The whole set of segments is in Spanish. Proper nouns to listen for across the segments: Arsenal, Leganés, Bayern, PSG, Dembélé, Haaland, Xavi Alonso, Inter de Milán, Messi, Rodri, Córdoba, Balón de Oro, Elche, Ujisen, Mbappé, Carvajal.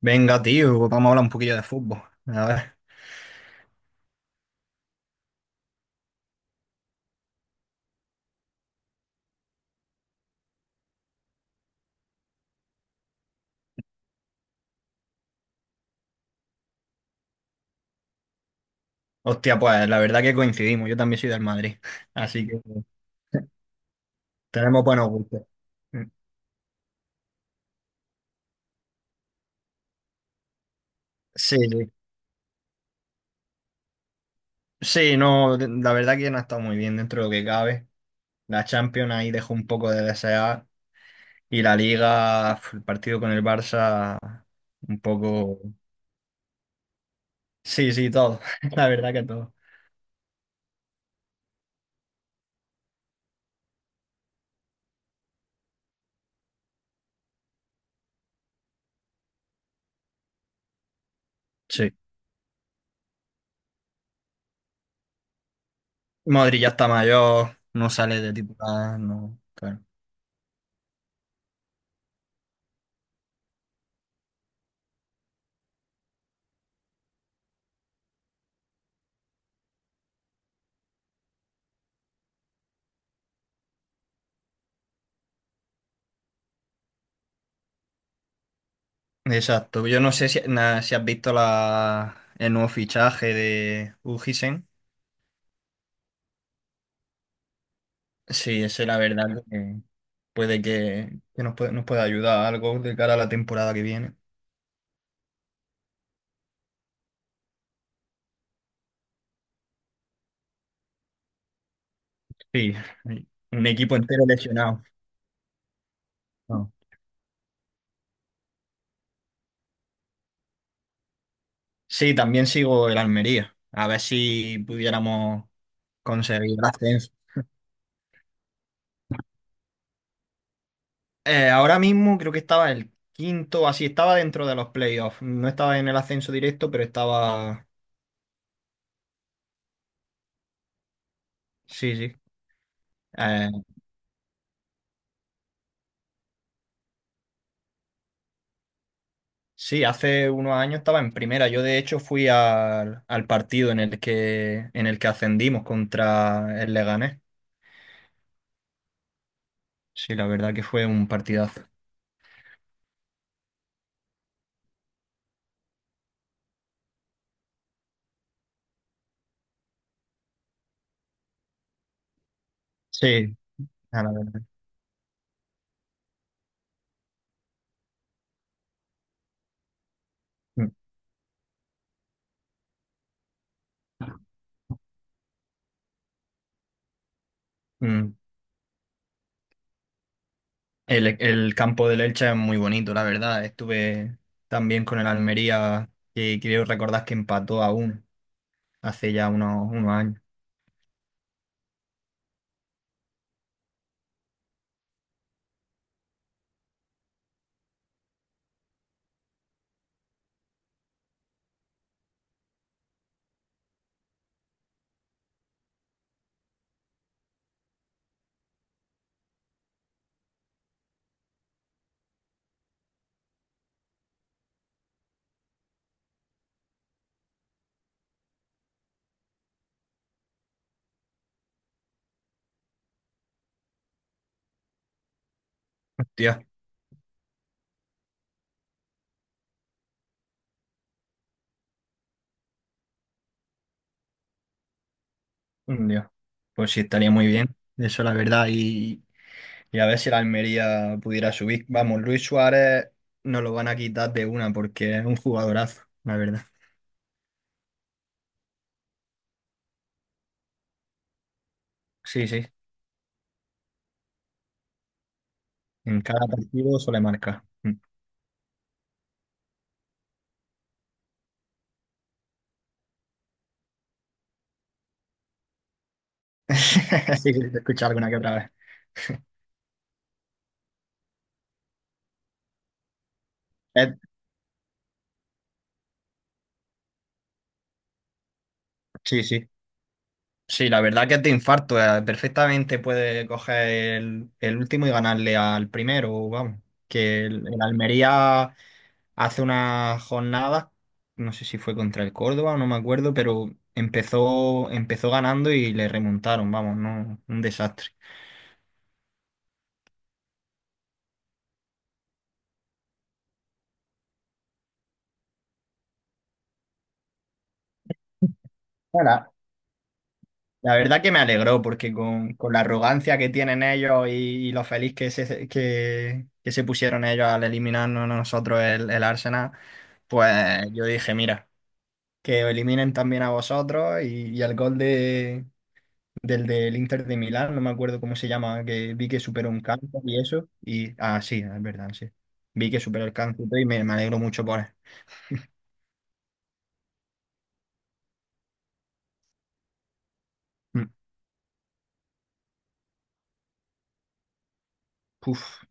Venga, tío, vamos a hablar un poquillo de fútbol. A ver. Hostia, pues la verdad que coincidimos. Yo también soy del Madrid. Así que tenemos buenos gustos. Sí, sí. Sí, no, la verdad que no ha estado muy bien dentro de lo que cabe. La Champions ahí dejó un poco de desear. Y la Liga, pf, el partido con el Barça, un poco. Sí, sí, todo. La verdad que todo. Sí. Modri ya está mayor, no sale de titular, no, claro. Exacto. Yo no sé si, si has visto el nuevo fichaje de Ujisen. Sí, ese la verdad que que nos puede, nos pueda ayudar a algo de cara a la temporada que viene. Sí, un equipo entero lesionado. No. Sí, también sigo el Almería. A ver si pudiéramos conseguir el ascenso. Ahora mismo creo que estaba el quinto, así estaba dentro de los playoffs. No estaba en el ascenso directo, pero estaba. Sí, sí. Eh, sí, hace unos años estaba en primera. Yo de hecho fui al, al partido en el que ascendimos contra el Leganés. Sí, la verdad que fue un partidazo. Sí, a la verdad. Mm, mm. El campo del Elche es muy bonito, la verdad. Estuve también con el Almería, que quiero recordar que empató a uno hace ya unos, unos años. Dios, Dios. Pues sí, estaría muy bien. Eso, la verdad. Y, y a ver si la Almería pudiera subir. Vamos, Luis Suárez nos lo van a quitar de una porque es un jugadorazo, la verdad. Sí, sí. En cada partido suele marcar. Mm. Sí, sí, te he escuchado alguna que otra vez. Es- sí, sí. Sí, la verdad que es de infarto. Perfectamente puede coger el último y ganarle al primero, vamos. Que el Almería hace unas jornadas, no sé si fue contra el Córdoba, no me acuerdo, pero empezó ganando y le remontaron, vamos, no, un desastre. Ahora, la verdad que me alegró porque con la arrogancia que tienen ellos y lo feliz que que se pusieron ellos al eliminarnos a nosotros el Arsenal, pues yo dije, mira, que os eliminen también a vosotros y el gol de, del Inter de Milán, no me acuerdo cómo se llama, que vi que superó un cáncer y eso. Y, ah, sí, es verdad, sí. Vi que superó el cáncer y me alegro mucho por él. Mm, uf,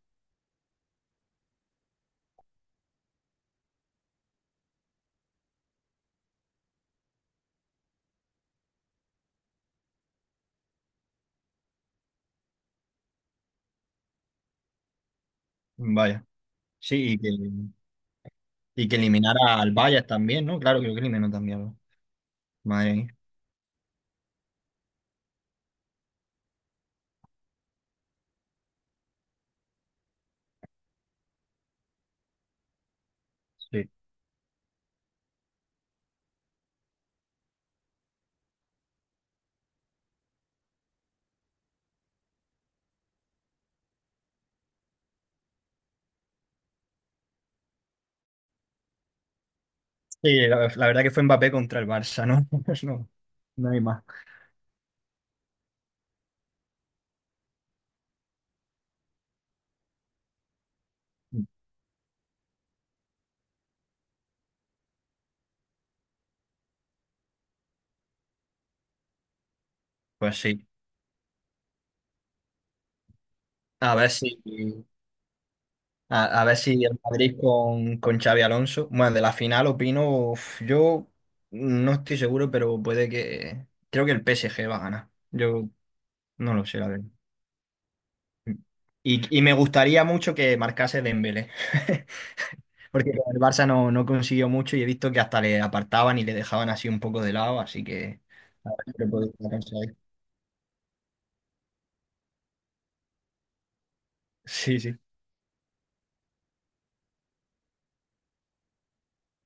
vaya. Sí, y que eliminara al Bayern también, ¿no? Claro, creo que eliminó también Madre mía. Sí. Sí, la verdad que fue Mbappé contra el Barça, ¿no? No, no hay más. Mm, pues sí. A ver si, a ver si el Madrid con Xavi Alonso. Bueno, de la final opino, uf, yo no estoy seguro, pero puede que… Creo que el PSG va a ganar. Yo no lo sé, la verdad. Y me gustaría mucho que marcase Dembélé, porque con el Barça no, no consiguió mucho y he visto que hasta le apartaban y le dejaban así un poco de lado, así que… Pero puede que alcance ahí. Sí, sí.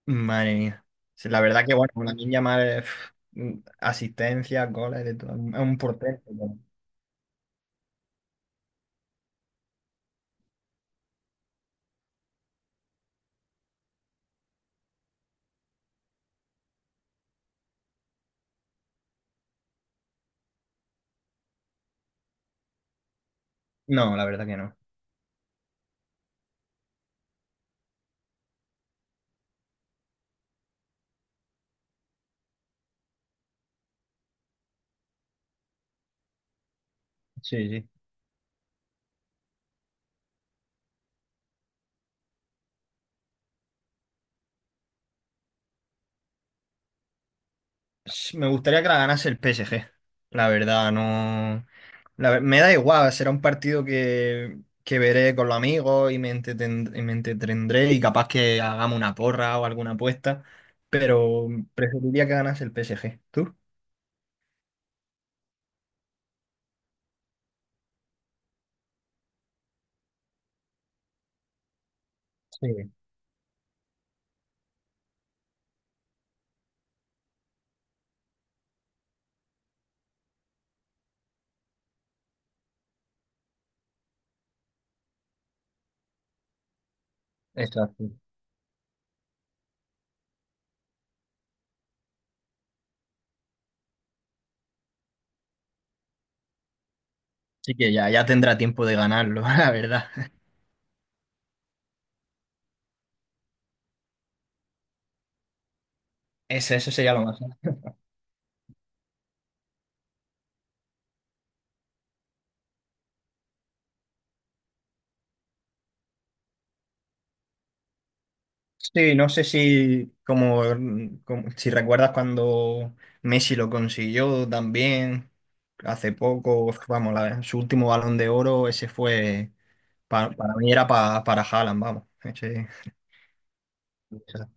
Madre mía. Sí, la verdad que, bueno, una niña más asistencia, goles, de todo. Es un portento, No, la verdad que no. Sí, sí. Sí, me gustaría que la ganase el PSG. La verdad, no. Me da igual, será un partido que veré con los amigos y y me entretendré y capaz que hagamos una porra o alguna apuesta, pero preferiría que ganase el PSG. ¿Tú? Sí, exacto. Así que ya, ya tendrá tiempo de ganarlo, la verdad. Ese, eso sería lo más. Sí, no sé si como, mm, si recuerdas cuando Messi lo consiguió también hace poco, vamos, su último balón de oro, ese fue para mí era para Haaland, vamos, esa-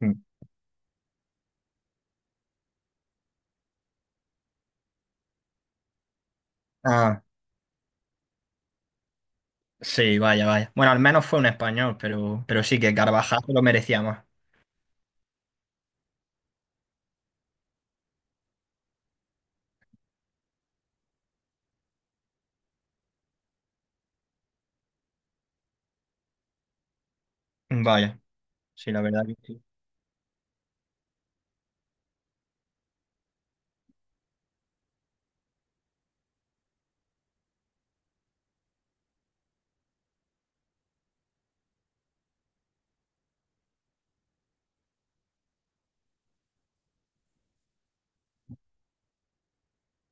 mm. Ah, sí, vaya, vaya. Bueno, al menos fue un español, pero sí que Carvajal lo merecía más. Vaya, sí, la verdad que sí.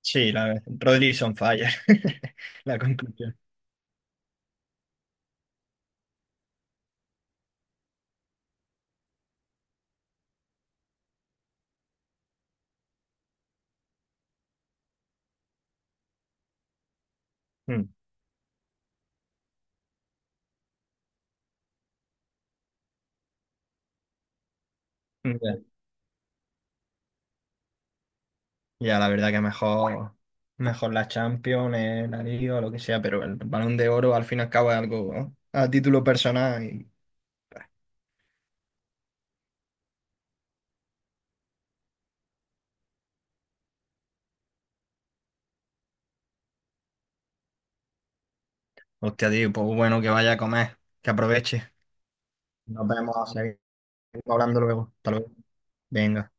Sí, la verdad. Rodri is on fire. La conclusión. Mm, ok. Ya, la verdad que mejor, mejor la Champions, la Liga, lo que sea, pero el Balón de Oro al fin y al cabo es algo, ¿no? A título personal. Y, hostia, tío, pues bueno, que vaya a comer, que aproveche. Nos vemos, seguimos hablando luego. Hasta luego. Venga.